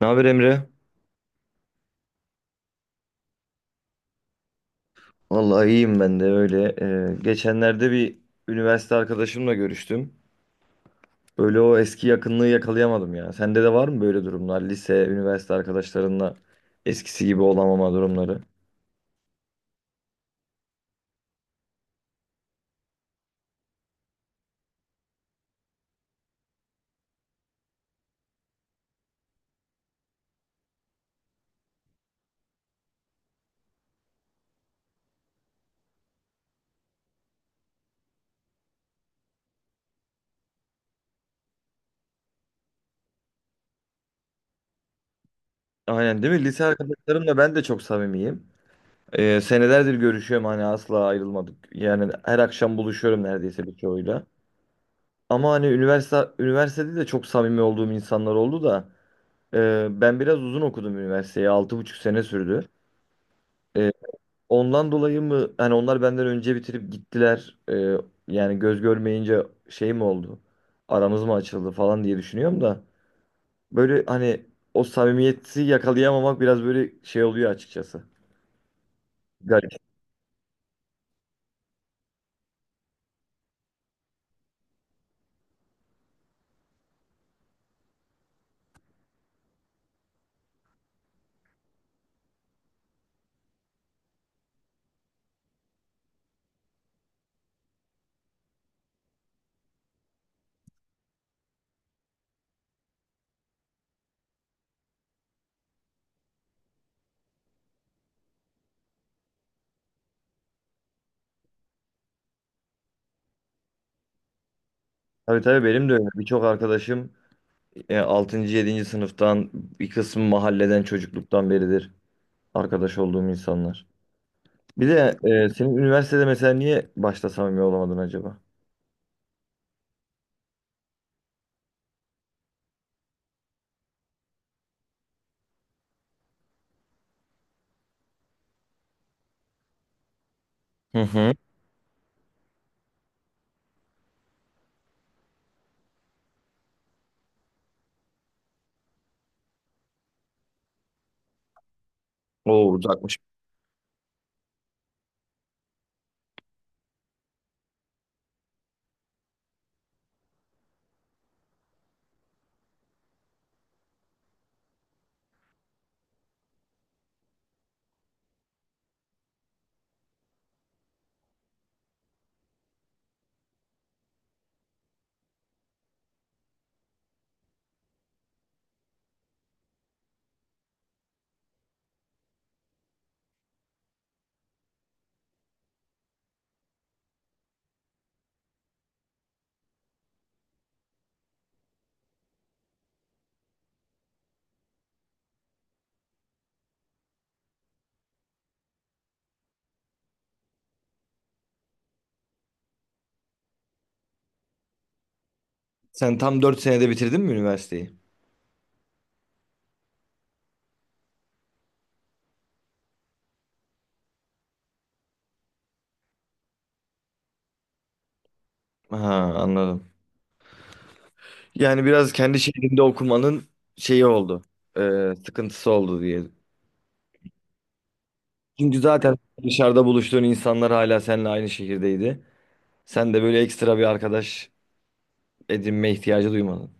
Ne haber Emre? Vallahi iyiyim ben de öyle. Geçenlerde bir üniversite arkadaşımla görüştüm. Böyle o eski yakınlığı yakalayamadım ya. Sende de var mı böyle durumlar? Lise, üniversite arkadaşlarınla eskisi gibi olamama durumları. Aynen değil mi? Lise arkadaşlarımla ben de çok samimiyim. Senelerdir görüşüyorum hani asla ayrılmadık. Yani her akşam buluşuyorum neredeyse birçoğuyla. Ama hani üniversitede de çok samimi olduğum insanlar oldu da ben biraz uzun okudum üniversiteyi. 6,5 sene sürdü. E, Ondan dolayı mı hani onlar benden önce bitirip gittiler, yani göz görmeyince şey mi oldu, aramız mı açıldı falan diye düşünüyorum da böyle hani o samimiyeti yakalayamamak biraz böyle şey oluyor açıkçası. Garip. Tabii tabii benim de öyle. Birçok arkadaşım, 6. 7. sınıftan bir kısmı mahalleden çocukluktan beridir arkadaş olduğum insanlar. Bir de senin üniversitede mesela niye başta samimi olamadın acaba? Hı hı. Oo uzakmış. Sen tam 4 senede bitirdin mi üniversiteyi? Ha, anladım. Yani biraz kendi şehrinde okumanın şeyi oldu. e, sıkıntısı oldu diye. Çünkü zaten dışarıda buluştuğun insanlar hala seninle aynı şehirdeydi. Sen de böyle ekstra bir arkadaş edinme ihtiyacı duymadın.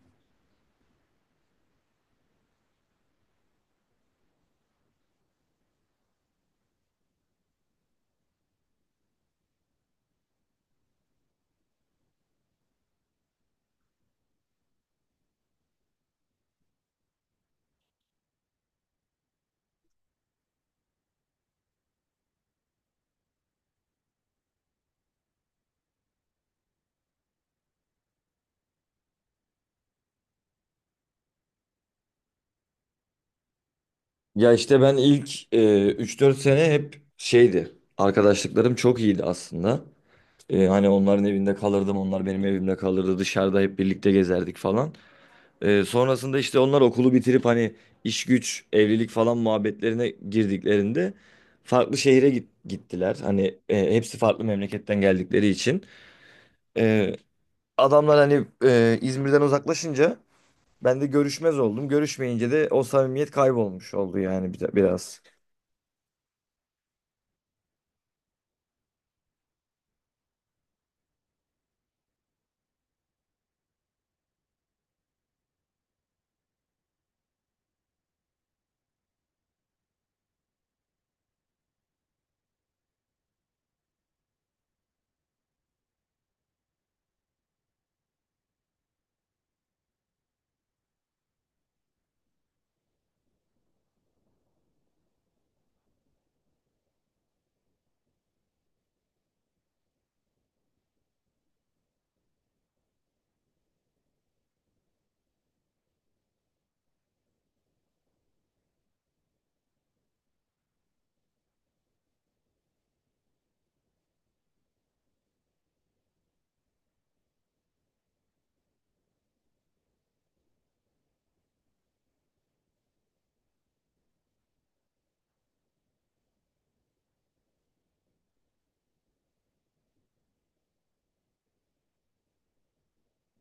Ya işte ben ilk, 3-4 sene hep şeydi. Arkadaşlıklarım çok iyiydi aslında. Hani onların evinde kalırdım, onlar benim evimde kalırdı. Dışarıda hep birlikte gezerdik falan. Sonrasında işte onlar okulu bitirip hani iş güç, evlilik falan muhabbetlerine girdiklerinde farklı şehire gittiler. Hani, hepsi farklı memleketten geldikleri için. Ee, adamlar hani, İzmir'den uzaklaşınca ben de görüşmez oldum. Görüşmeyince de o samimiyet kaybolmuş oldu yani biraz.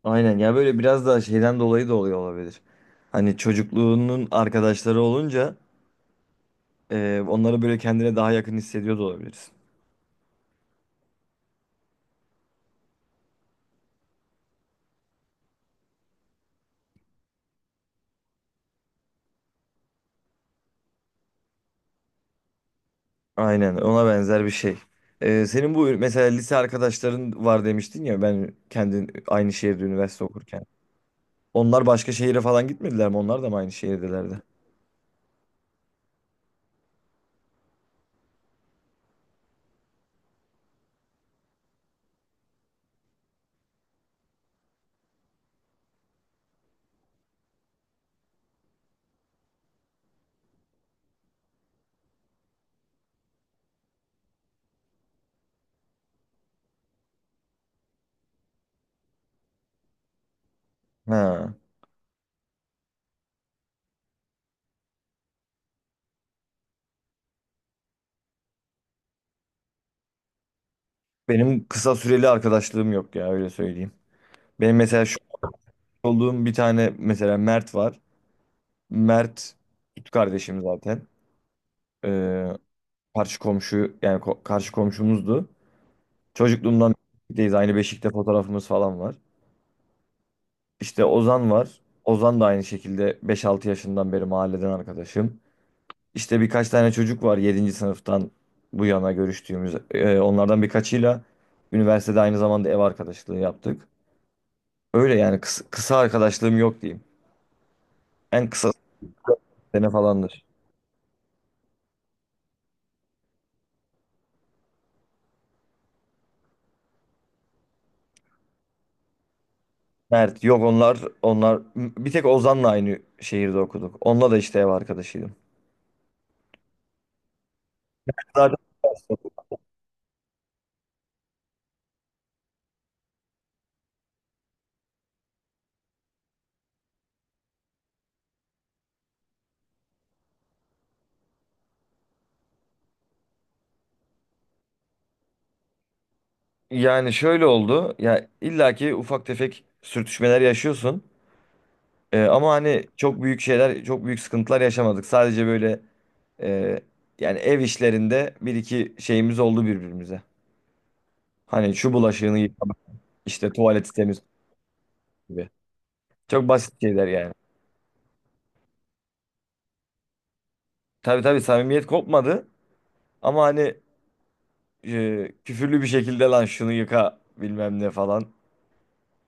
Aynen ya, böyle biraz daha şeyden dolayı da oluyor olabilir. Hani çocukluğunun arkadaşları olunca, onları böyle kendine daha yakın hissediyor da olabilir. Aynen ona benzer bir şey. Senin bu mesela lise arkadaşların var demiştin ya, ben kendin aynı şehirde üniversite okurken. Onlar başka şehire falan gitmediler mi? Onlar da mı aynı şehirdelerdi? Ha. Benim kısa süreli arkadaşlığım yok ya, öyle söyleyeyim. Benim mesela şu an olduğum bir tane mesela Mert var. Mert süt kardeşim zaten. Ee, karşı komşu yani karşı komşumuzdu. Çocukluğumdan birlikteyiz, aynı beşikte fotoğrafımız falan var. İşte Ozan var. Ozan da aynı şekilde 5-6 yaşından beri mahalleden arkadaşım. İşte birkaç tane çocuk var yedinci sınıftan bu yana görüştüğümüz. Onlardan birkaçıyla üniversitede aynı zamanda ev arkadaşlığı yaptık. Öyle yani, kısa, kısa arkadaşlığım yok diyeyim. En kısa sene falandır. Mert yok, onlar bir tek Ozan'la aynı şehirde okuduk. Onunla da işte ev arkadaşıydım. Zaten yani şöyle oldu. Ya illaki ufak tefek sürtüşmeler yaşıyorsun. Ama hani çok büyük şeyler, çok büyük sıkıntılar yaşamadık. Sadece böyle, e, yani ev işlerinde bir iki şeyimiz oldu birbirimize. Hani şu bulaşığını yıkamak, işte tuvaleti temiz tutmak gibi. Çok basit şeyler yani. Tabii tabii samimiyet kopmadı, ama hani, küfürlü bir şekilde lan şunu yıka bilmem ne falan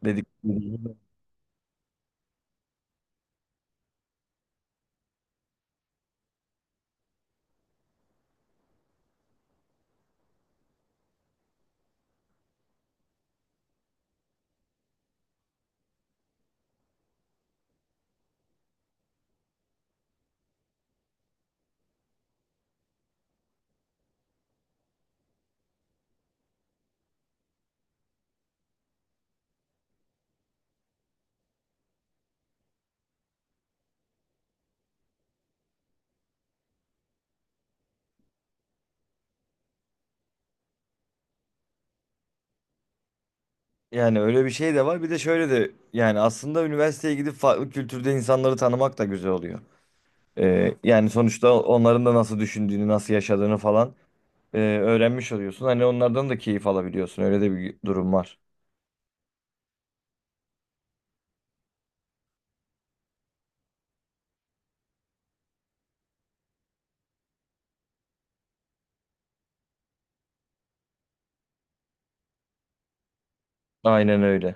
dedik. Yani öyle bir şey de var. Bir de şöyle de, yani aslında üniversiteye gidip farklı kültürde insanları tanımak da güzel oluyor. Yani sonuçta onların da nasıl düşündüğünü, nasıl yaşadığını falan, öğrenmiş oluyorsun. Hani onlardan da keyif alabiliyorsun. Öyle de bir durum var. Aynen öyle.